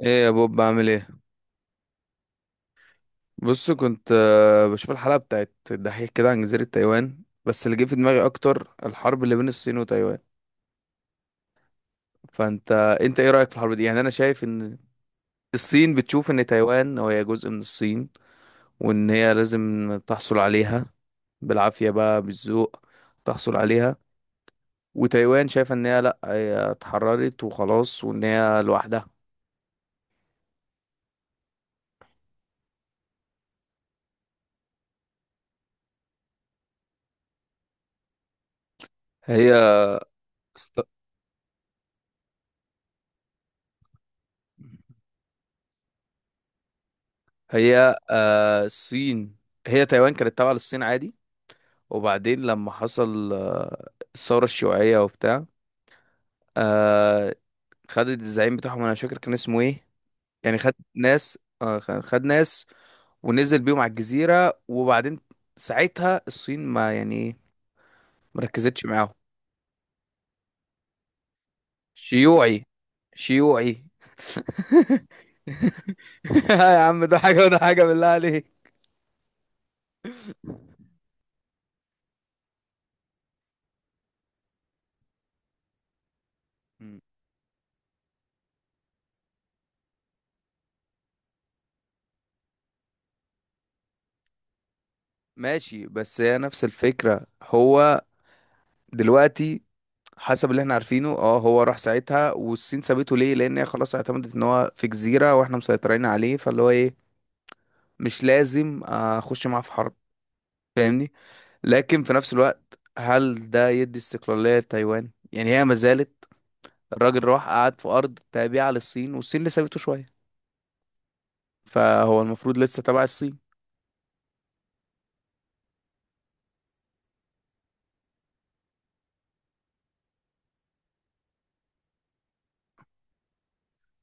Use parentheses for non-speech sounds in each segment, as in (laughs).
ايه يا بوب، بعمل ايه؟ بص، كنت بشوف الحلقه بتاعت الدحيح كده عن جزيره تايوان، بس اللي جه في دماغي اكتر الحرب اللي بين الصين وتايوان. فانت انت ايه رايك في الحرب دي؟ يعني انا شايف ان الصين بتشوف ان تايوان هي جزء من الصين، وان هي لازم تحصل عليها بالعافيه، بقى بالذوق تحصل عليها. وتايوان شايفه ان هي لا، هي اتحررت وخلاص، وان هي لوحدها. هي است- هي آه، الصين، هي تايوان كانت تابعه للصين عادي. وبعدين لما حصل الثورة الشيوعية وبتاع، آه، خدت الزعيم بتاعهم، انا مش فاكر كان اسمه ايه. يعني خد ناس، خد ناس ونزل بيهم على الجزيرة. وبعدين ساعتها الصين ما يعني إيه، مركزتش معاهم. شيوعي، شيوعي (laughs) يا عم، ده حاجة وده حاجة، بالله عليك. مم. ماشي، بس هي نفس الفكرة. هو دلوقتي حسب اللي احنا عارفينه، اه، هو راح ساعتها والصين سابته ليه؟ لان هي خلاص اعتمدت ان هو في جزيرة واحنا مسيطرين عليه، فاللي هو ايه، مش لازم اخش معاه في حرب، فاهمني. لكن في نفس الوقت، هل ده يدي استقلالية لتايوان؟ يعني هي ما زالت، الراجل راح قعد في ارض تابعة للصين، والصين اللي سابته شوية، فهو المفروض لسه تبع الصين.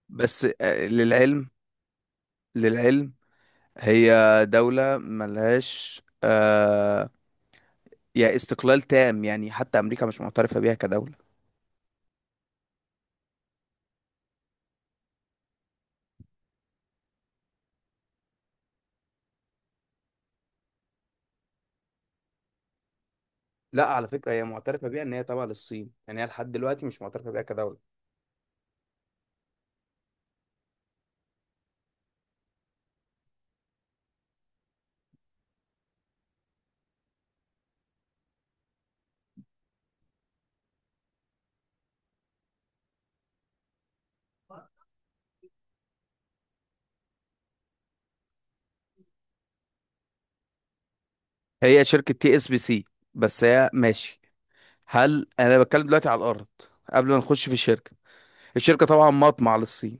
بس للعلم، للعلم، هي دولة ملهاش يعني استقلال تام، يعني حتى امريكا مش معترفة بيها كدولة. لا، على فكرة، هي معترفة بيها ان هي تابعة للصين، يعني هي لحد دلوقتي مش معترفة بيها كدولة. هي شركة TSBC. بس هي ماشي، هل انا بتكلم دلوقتي على الارض؟ قبل ما نخش في الشركة، الشركة طبعا مطمع للصين.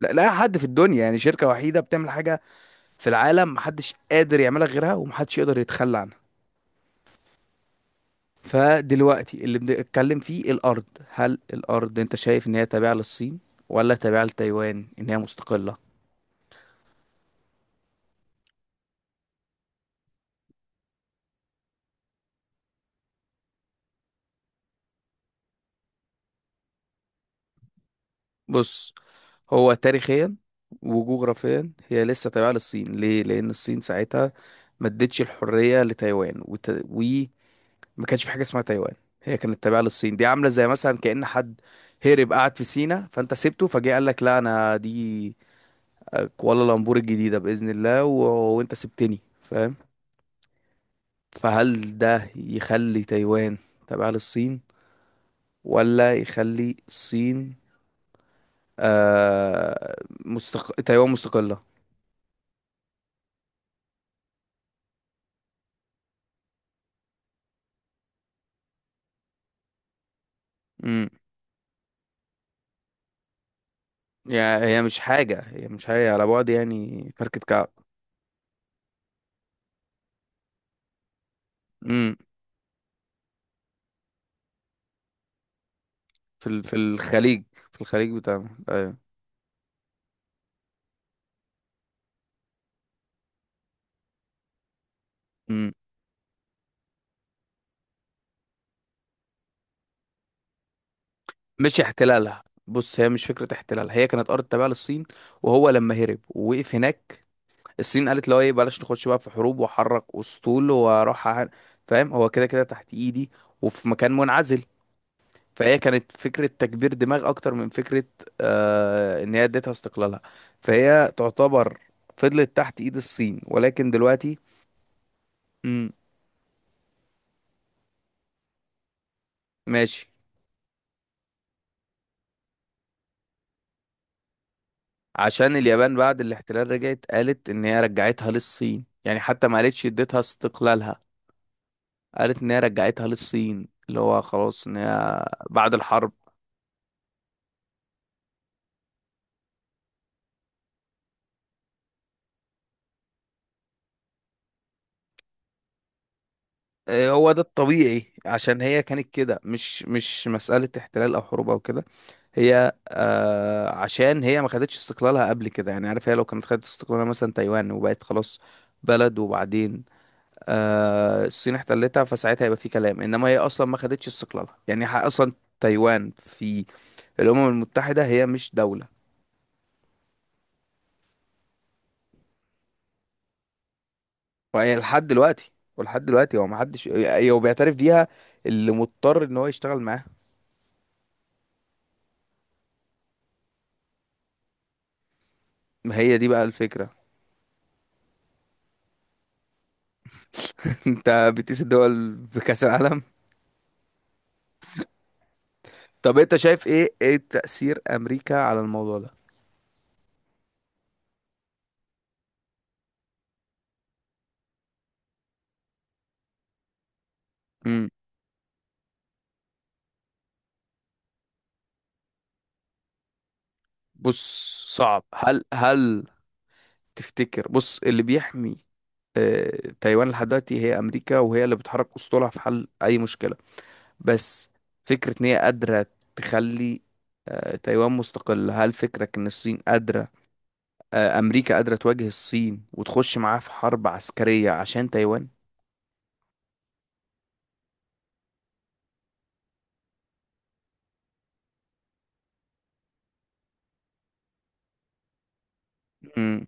لا، لا حد في الدنيا، يعني شركة وحيدة بتعمل حاجة في العالم، محدش قادر يعملها غيرها ومحدش يقدر يتخلى عنها. فدلوقتي اللي بنتكلم فيه الارض، هل الارض انت شايف ان هي تابعة للصين، ولا تابعة لتايوان ان هي مستقلة؟ بص، هو تاريخيا وجغرافيا هي لسه تابعة للصين. ليه؟ لأن الصين ساعتها ما ادتش الحرية لتايوان، وما كانش في حاجة اسمها تايوان. هي كانت تابعة للصين. دي عاملة زي مثلا كأن حد هرب قعد في سينا، فأنت سبته، فجه قال لك لا، أنا دي كوالالمبور الجديدة بإذن الله، وأنت سبتني، فاهم؟ فهل ده يخلي تايوان تابعة للصين، ولا يخلي الصين، آه تايوان مستقلة؟ يعني هي مش حاجة، هي مش حاجة على بعد، يعني فركة كعب. امم. في الخليج، في الخليج بتاع، ايوه. امم. مش احتلالها، بص، هي مش فكرة احتلالها، هي كانت أرض تابعة للصين. وهو لما هرب ووقف هناك، الصين قالت له ايه، بلاش نخش بقى في حروب وحرك أسطول وأروح فاهم، هو كده كده تحت إيدي وفي مكان منعزل. فهي كانت فكرة تكبير دماغ أكتر من فكرة إن هي اديتها استقلالها. فهي تعتبر فضلت تحت إيد الصين، ولكن دلوقتي امم. ماشي، عشان اليابان بعد الاحتلال رجعت قالت ان هي رجعتها للصين، يعني حتى ما قالتش اديتها استقلالها، قالت ان هي رجعتها للصين، اللي هو خلاص ان هي بعد الحرب. إيه هو ده الطبيعي، عشان هي كانت كده، مش مسألة احتلال او حروب او كده. هي عشان هي ما خدتش استقلالها قبل كده، يعني عارف، هي لو كانت خدت استقلالها مثلا تايوان، وبقت خلاص بلد، وبعدين الصين احتلتها، فساعتها هيبقى في كلام. انما هي اصلا ما خدتش استقلالها، يعني اصلا تايوان في الامم المتحده هي مش دوله. وهي لحد دلوقتي، ولحد دلوقتي هو ما حدش هو بيعترف بيها، اللي مضطر ان هو يشتغل معاها. ما هي دي بقى الفكره. (laughs) انت بتقيس الدول بكاس العالم؟ طب انت شايف ايه، ايه تاثير امريكا على الموضوع ده؟ امم. بص، صعب. هل تفتكر، بص، اللي بيحمي آه، تايوان لحد دلوقتي هي امريكا، وهي اللي بتحرك اسطولها في حل اي مشكله. بس فكره ان هي قادره تخلي تايوان مستقله، هل فكرك ان الصين قادره، امريكا قادره تواجه الصين وتخش معاها في حرب عسكريه عشان تايوان؟ امم.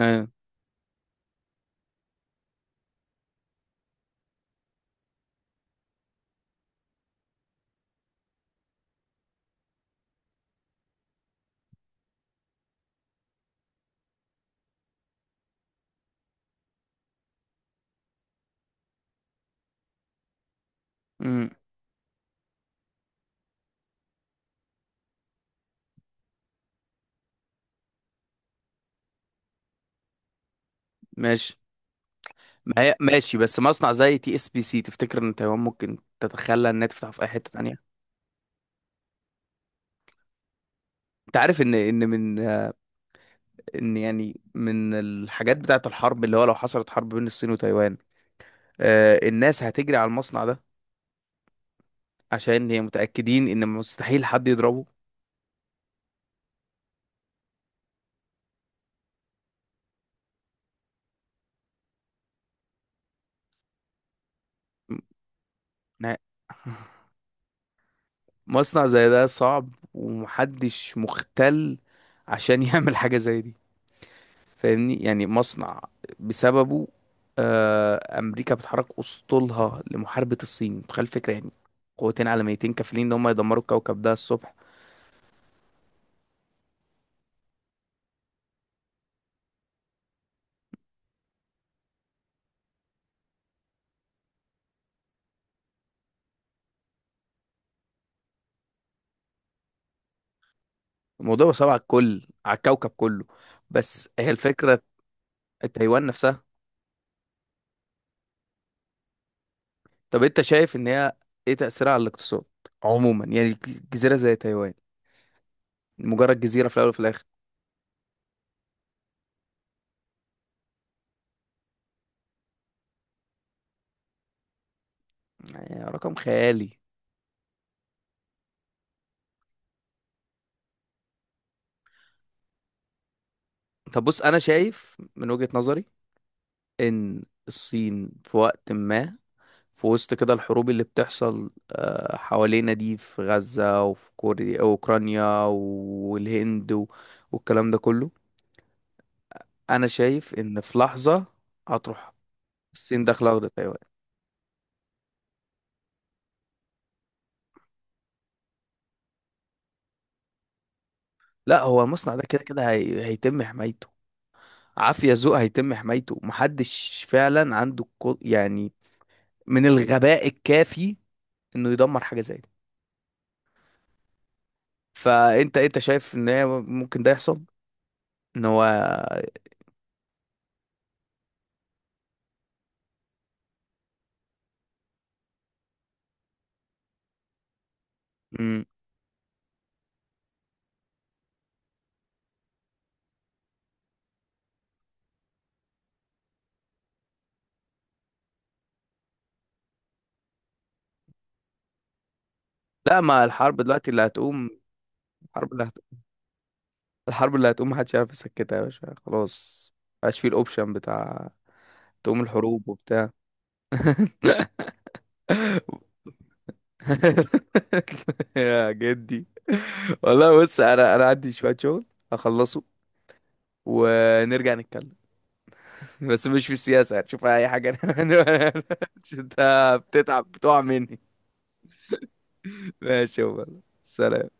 ايوه. امم. ماشي. ما هي ماشي، بس مصنع زي TSBC، تفتكر ان تايوان ممكن تتخلى انها تفتح في اي حته تانية؟ انت عارف ان من، ان يعني من الحاجات بتاعت الحرب، اللي هو لو حصلت حرب بين الصين وتايوان، الناس هتجري على المصنع ده، عشان هي متأكدين ان مستحيل حد يضربه. م- نا- (laughs) مصنع زي ده صعب، ومحدش مختل عشان (laughs) يعمل حاجة زي دي، فاهمني، يعني مصنع بسببه امريكا بتحرك اسطولها لمحاربة الصين، متخيل الفكرة، يعني قوتين عالميتين كافلين ان هم يدمروا الكوكب ده الصبح. الموضوع بقى صعب على الكل، على الكوكب كله. بس هي الفكرة، تايوان نفسها. طب انت شايف ان هي ايه تأثيرها على الاقتصاد عموما، يعني جزيرة زي تايوان، مجرد جزيرة في الاول وفي الاخر؟ يعني رقم خيالي. طب بص، انا شايف من وجهة نظري ان الصين في وقت ما، في وسط كده الحروب اللي بتحصل حوالينا دي، في غزة وفي كوريا اوكرانيا والهند والكلام ده كله، انا شايف ان في لحظة هتروح الصين داخلة واخدة تايوان. لا، هو المصنع ده كده كده هيتم حمايته، عافية ذوق هيتم حمايته، محدش فعلا عنده يعني من الغباء الكافي انه يدمر حاجة زي دي. فانت، انت شايف ان هي ممكن ده يحصل، ان هو، مم. لا، ما الحرب دلوقتي اللي هتقوم، الحرب اللي هتقوم، الحرب اللي هتقوم محدش عارف يسكتها يا باشا، خلاص. مبقاش فيه الاوبشن بتاع تقوم الحروب وبتاع. (laughs) يا جدي، والله، بص، انا عندي شوية شغل هخلصه، ونرجع نتكلم، بس مش في السياسة، هتشوفها أي حاجة. (laughs) أنت بتتعب، بتقع مني. ماشي يا، سلام.